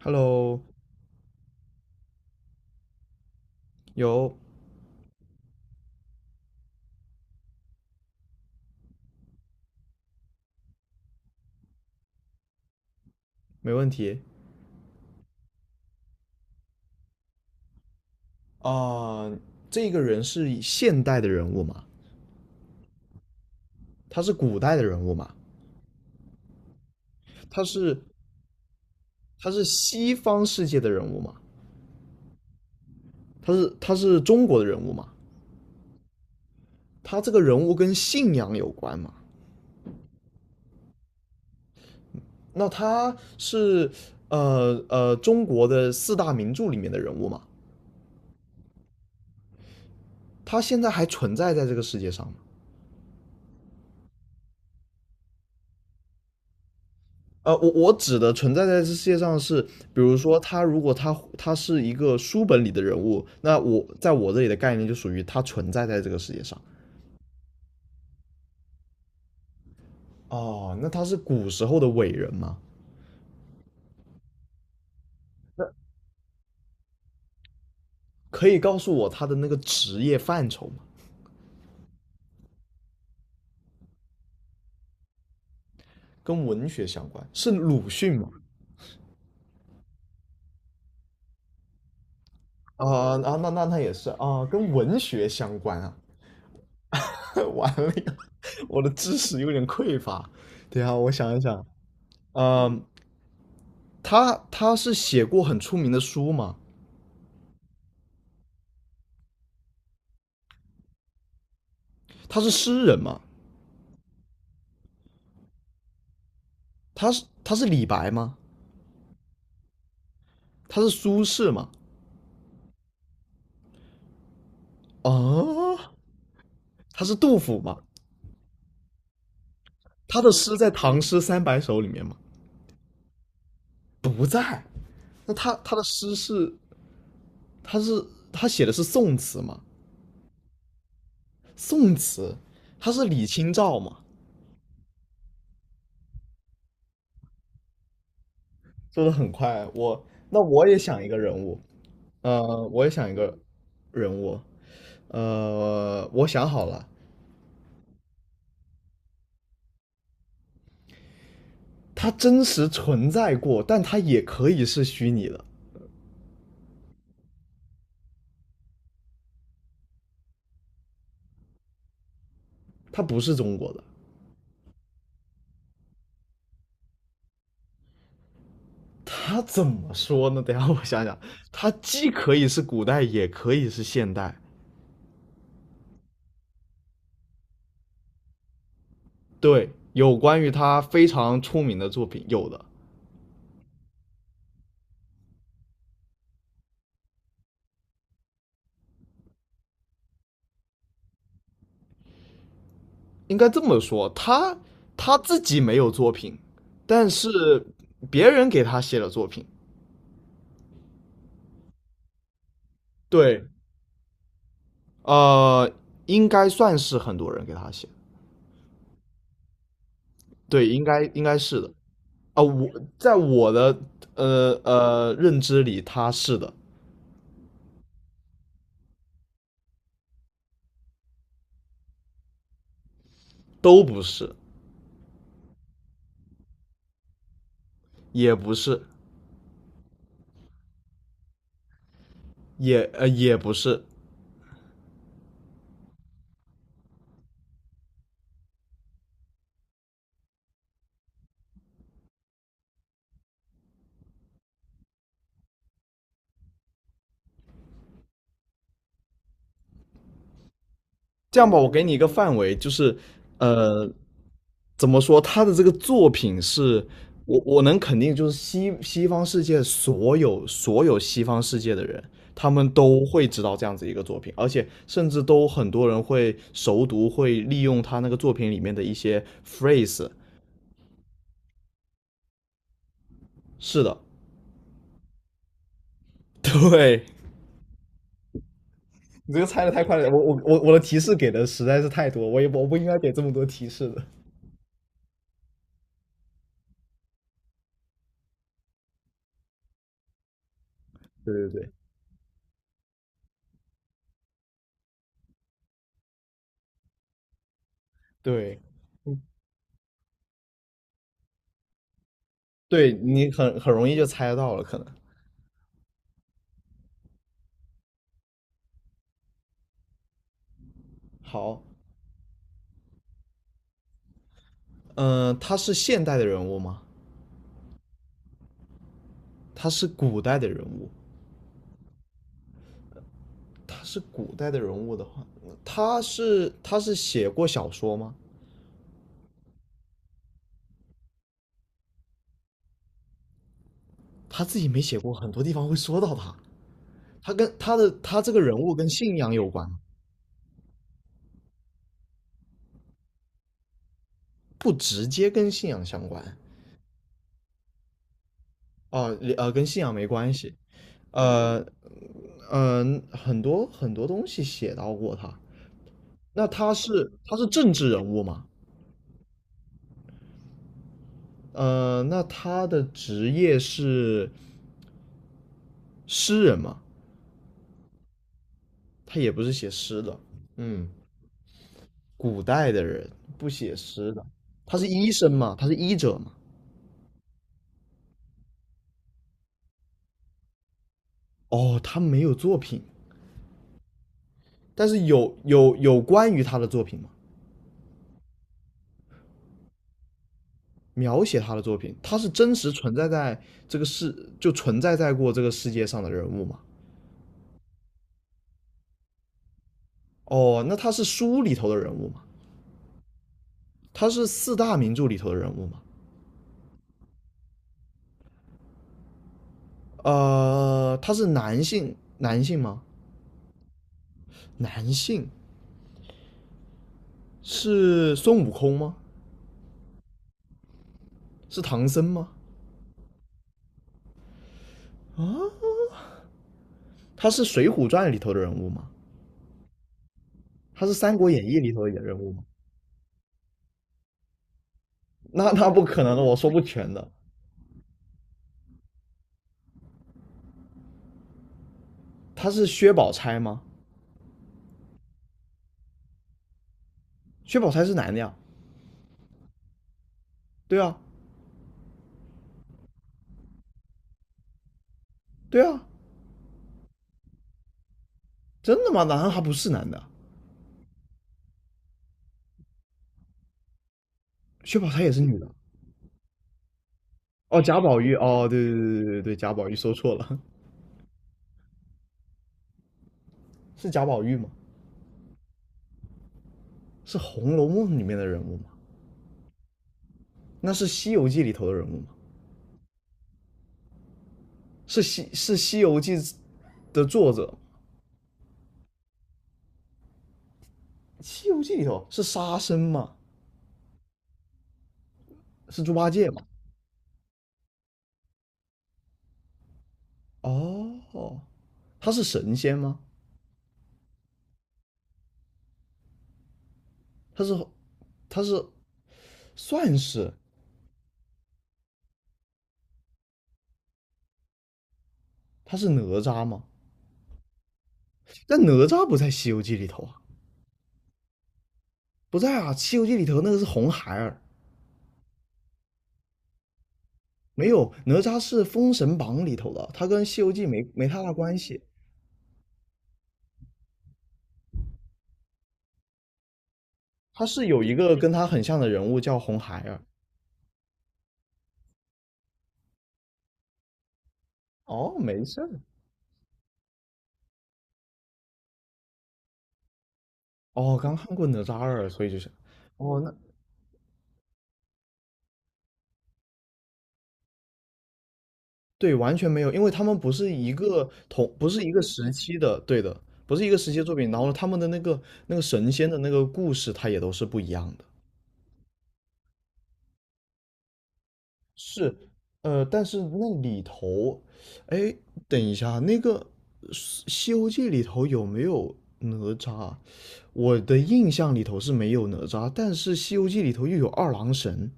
Hello，有，没问题。啊，这个人是现代的人物吗？他是古代的人物吗？他是他是西方世界的人物吗？他是中国的人物吗？他这个人物跟信仰有关吗？那他是中国的四大名著里面的人物吗？他现在还存在在这个世界上吗？我指的存在在这世界上是，比如说他如果他是一个书本里的人物，那我在我这里的概念就属于他存在在这个世界上。哦，那他是古时候的伟人吗？可以告诉我他的那个职业范畴吗？跟文学相关，是鲁迅吗？啊，啊，那也是啊，跟文学相关啊。完了呀，我的知识有点匮乏。等一下，我想一想。嗯，他是写过很出名的书吗？他是诗人吗？他是李白吗？他是苏轼吗？哦，他是杜甫吗？他的诗在《唐诗三百首》里面吗？不在。那他他的诗是他是他写的是宋词吗？宋词，他是李清照吗？说的很快，我也想一个人物。我也想一个人物。我想好了。他真实存在过，但他也可以是虚拟的。他不是中国的。他怎么说呢？等一下我想想。他既可以是古代，也可以是现代。对，有关于他非常出名的作品，有的应该这么说，他自己没有作品，但是别人给他写了作品。对，呃，应该算是很多人给他写的。对，应该是的。啊，我在我的认知里，他是的。都不是。也不是。也不是。这样吧，我给你一个范围，就是呃，怎么说，他的这个作品是我能肯定，就是西方世界所有西方世界的人，他们都会知道这样子一个作品，而且甚至都很多人会熟读，会利用他那个作品里面的一些 phrase。是的，对。你这个猜的太快了，我的提示给的实在是太多，我不应该给这么多提示的。对对对对对，你很容易就猜得到了，可能。好，他是现代的人物吗？他是古代的人物？他是古代的人物的话，他是写过小说吗？他自己没写过，很多地方会说到他。他跟他的他这个人物跟信仰有关吗？不直接跟信仰相关。啊，跟信仰没关系。呃，很多很多东西写到过他。那他是政治人物吗？那他的职业是诗人吗？他也不是写诗的。嗯，古代的人不写诗的，他是医生嘛，他是医者嘛。哦，他没有作品，但是有关于他的作品吗？描写他的作品，他是真实存在在这个世，就存在在过这个世界上的人物吗？哦，那他是书里头的人物吗？他是四大名著里头的人物吗？他是男性，男性吗？男性是孙悟空吗？是唐僧吗？他是《水浒传》里头的人物吗？他是《三国演义》里头的人物吗？那不可能的，我说不全的。他是薛宝钗吗？薛宝钗是男的呀？对啊，对啊，真的吗？难道他不是男的？薛宝钗也是女的？哦，贾宝玉，哦，对对对对对，贾宝玉说错了。是贾宝玉吗？是《红楼梦》里面的人物吗？那是《西游记》里头的人物吗？是《西游记》的作者。《西游记》里头是沙僧吗？是猪八戒吗？哦，他是神仙吗？他是他是算是他是哪吒吗？但哪吒不在《西游记》里头啊。不在啊，《西游记》里头那个是红孩儿。没有，哪吒是《封神榜》里头的，他跟《西游记没》没太大关系。他是有一个跟他很像的人物叫红孩儿。哦，没事儿。哦，刚看过哪吒二，所以就是，哦，那对，完全没有，因为他们不是一个同，不是一个时期的，对的。不是一个时期的作品。然后他们的那个神仙的那个故事，它也都是不一样的。是，但是那里头。哎，等一下，那个《西游记》里头有没有哪吒？我的印象里头是没有哪吒，但是《西游记》里头又有二郎神。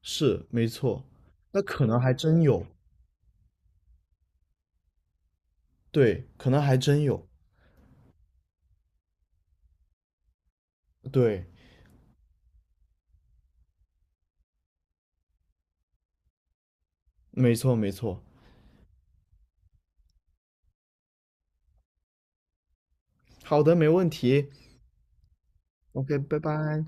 是，没错。那可能还真有。对，可能还真有，对。没错，没错。好的，没问题，OK，拜拜。